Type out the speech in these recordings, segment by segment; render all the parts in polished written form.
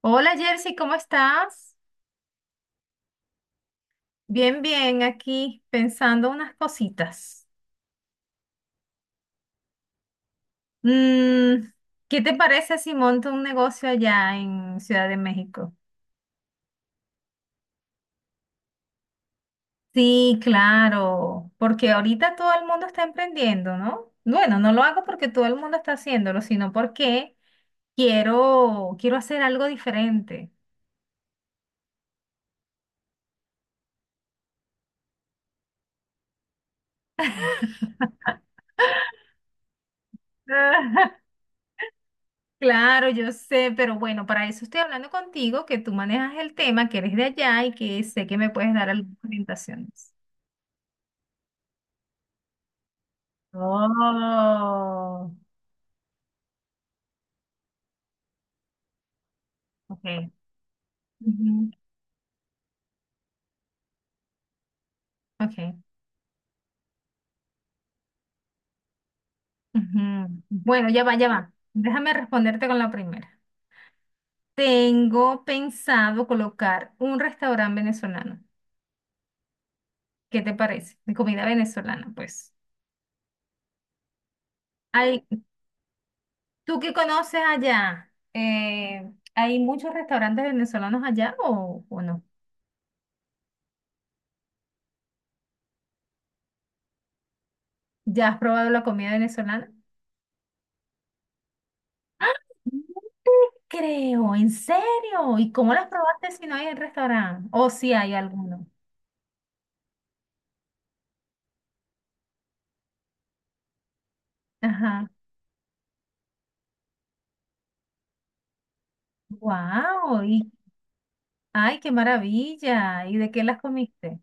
Hola Jersey, ¿cómo estás? Bien, bien, aquí pensando unas cositas. Mm, ¿Qué te parece si monto un negocio allá en Ciudad de México? Sí, claro, porque ahorita todo el mundo está emprendiendo, ¿no? Bueno, no lo hago porque todo el mundo está haciéndolo, sino porque quiero hacer algo diferente. Claro, yo sé, pero bueno, para eso estoy hablando contigo, que tú manejas el tema, que eres de allá y que sé que me puedes dar algunas orientaciones. Oh, ok. Ujú, ok, ujú. Bueno, ya va, ya va. Déjame responderte con la primera. Tengo pensado colocar un restaurante venezolano. ¿Qué te parece? De comida venezolana, pues. Hay, ¿tú qué conoces allá? ¿Hay muchos restaurantes venezolanos allá o no? ¿Ya has probado la comida venezolana? ¡Ah! No te Creo, ¿en serio? ¿Y cómo las probaste si no hay en restaurante? O si hay alguno. Ajá. Wow, y ay, qué maravilla. ¿Y de qué las comiste?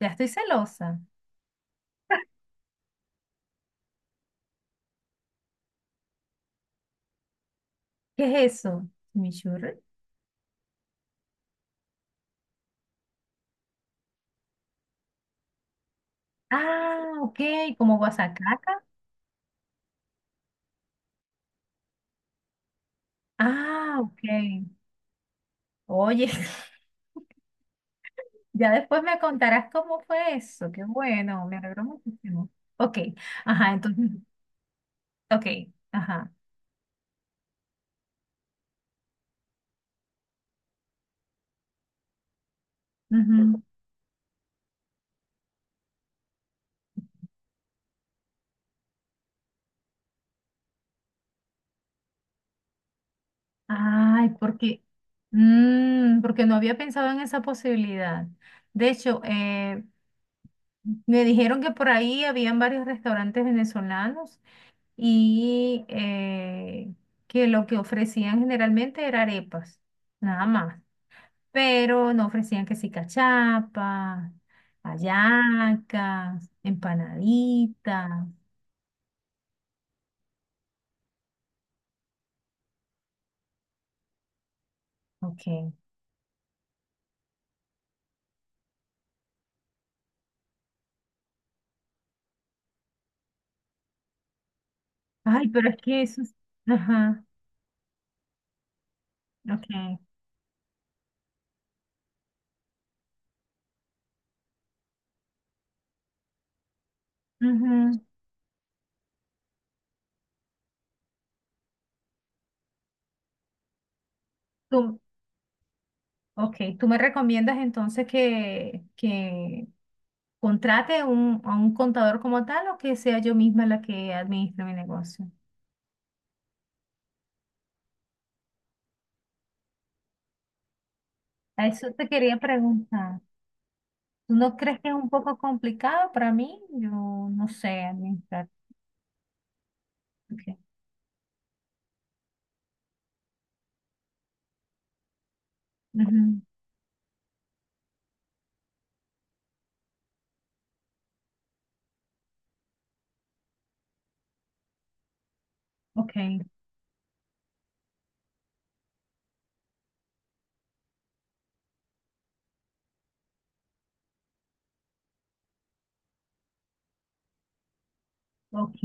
Ya estoy celosa. ¿Qué es eso? ¿Chimichurri? Ah, ok, como guasacaca. Ah, ok. Oye, ya después me contarás cómo fue eso. Qué bueno, me alegró muchísimo. Ok, ajá, entonces, ok, ajá. Ujú. Ay, porque, porque no había pensado en esa posibilidad. De hecho, me dijeron que por ahí habían varios restaurantes venezolanos y que lo que ofrecían generalmente era arepas, nada más. Pero no ofrecían que sí cachapas, hallacas, empanaditas. Ok. Ay, pero es que eso es... Ajá, ok. Ujú. Tú- Ok, tú me recomiendas entonces que contrate un, a un contador como tal o que sea yo misma la que administre mi negocio. A eso te quería preguntar. ¿Tú no crees que es un poco complicado para mí? Yo no sé administrar. Ok, ujú, ok, ok.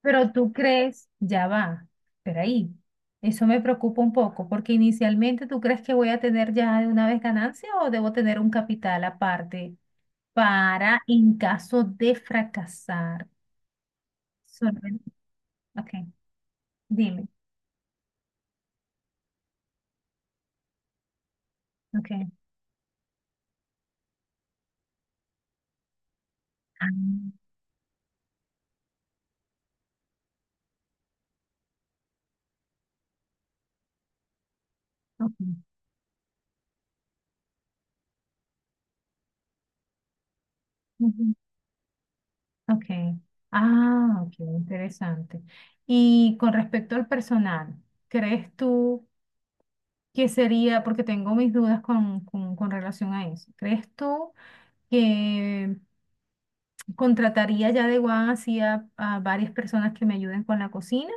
Pero tú crees, ya va, pero ahí, eso me preocupa un poco, porque inicialmente tú crees que voy a tener ya de una vez ganancia o debo tener un capital aparte para en caso de fracasar. Solven- Ok, dime. Ok. Ah, ok. Ujú. Ok. Ah, ok, interesante. Y con respecto al personal, ¿crees tú que sería, porque tengo mis dudas con relación a eso, ¿crees tú? Que contrataría ya de One así a varias personas que me ayuden con la cocina?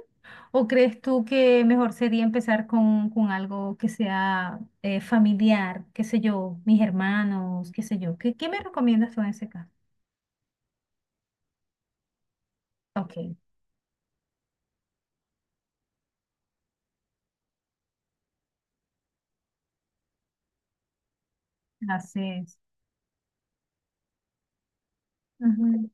¿O crees tú que mejor sería empezar con algo que sea familiar, qué sé yo, mis hermanos, qué sé yo? ¿Qué, qué me recomiendas tú en ese caso? Ok, haces. Ujú,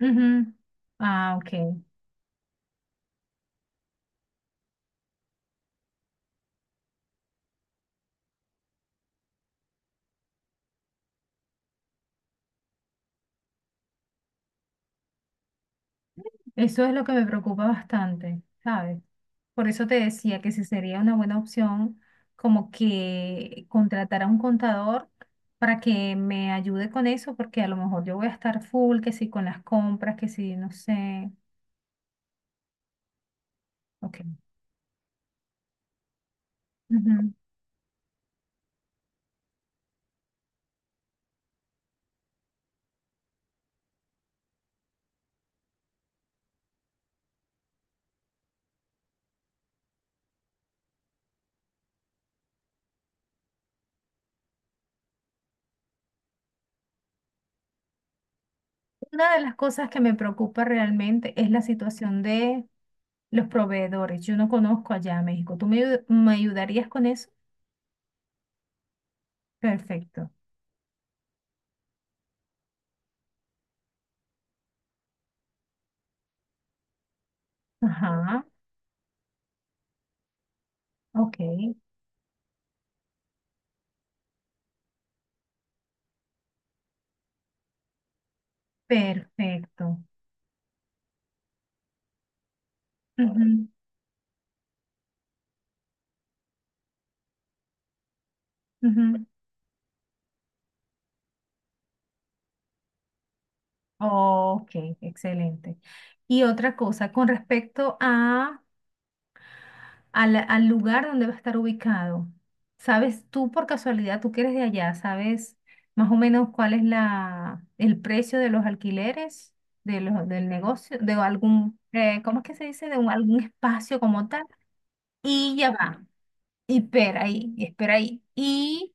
ujú. Ah, ok. Eso es lo que me preocupa bastante, ¿sabes? Por eso te decía que si sería una buena opción como que contratar a un contador para que me ayude con eso, porque a lo mejor yo voy a estar full, que si con las compras, que si no sé. Ok. Ujú. Una de las cosas que me preocupa realmente es la situación de los proveedores. Yo no conozco allá a México. ¿Tú me, me ayudarías con eso? Perfecto. Ajá. Ok. Perfecto. Ujú, ujú. Ok, excelente. Y otra cosa, con respecto a, al, al lugar donde va a estar ubicado, ¿sabes tú por casualidad, tú que eres de allá, sabes más o menos cuál es la, el precio de los alquileres de los, del negocio, de algún, ¿cómo es que se dice? De un, algún espacio como tal. Y ya va, y espera ahí, y espera ahí. Y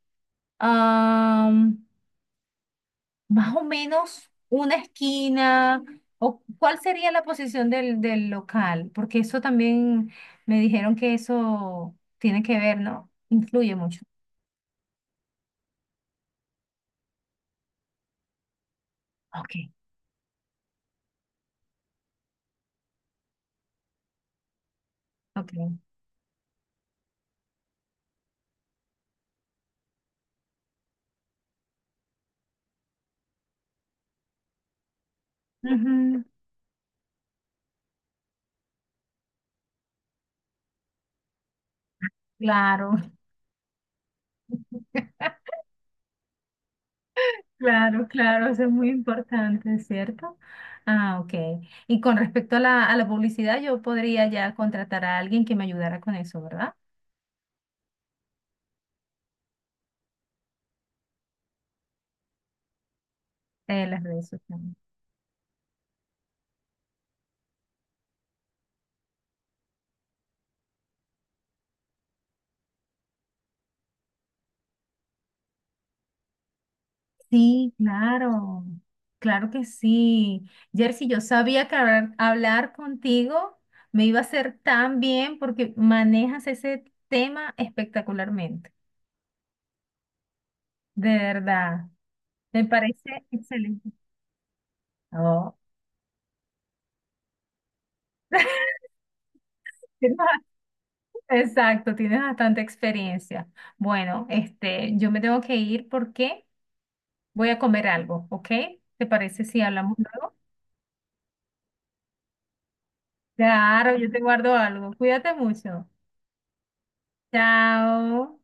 más o menos una esquina, o cuál sería la posición del, del local, porque eso también me dijeron que eso tiene que ver, ¿no? Influye mucho. Ok, ok. Ujú, claro, claro, claro, eso es muy importante, ¿cierto? Ah, ok. Y con respecto a la publicidad, yo podría ya contratar a alguien que me ayudara con eso, ¿verdad? Las redes sociales. Sí, claro, claro que sí. Jersey, yo sabía que hablar contigo me iba a hacer tan bien porque manejas ese tema espectacularmente, de verdad. Me parece excelente. Oh, tienes Exacto, tienes bastante experiencia. Bueno, este, yo me tengo que ir porque voy a comer algo, ¿ok? ¿Te parece si hablamos luego? Claro, yo te guardo algo. Cuídate mucho. Chao.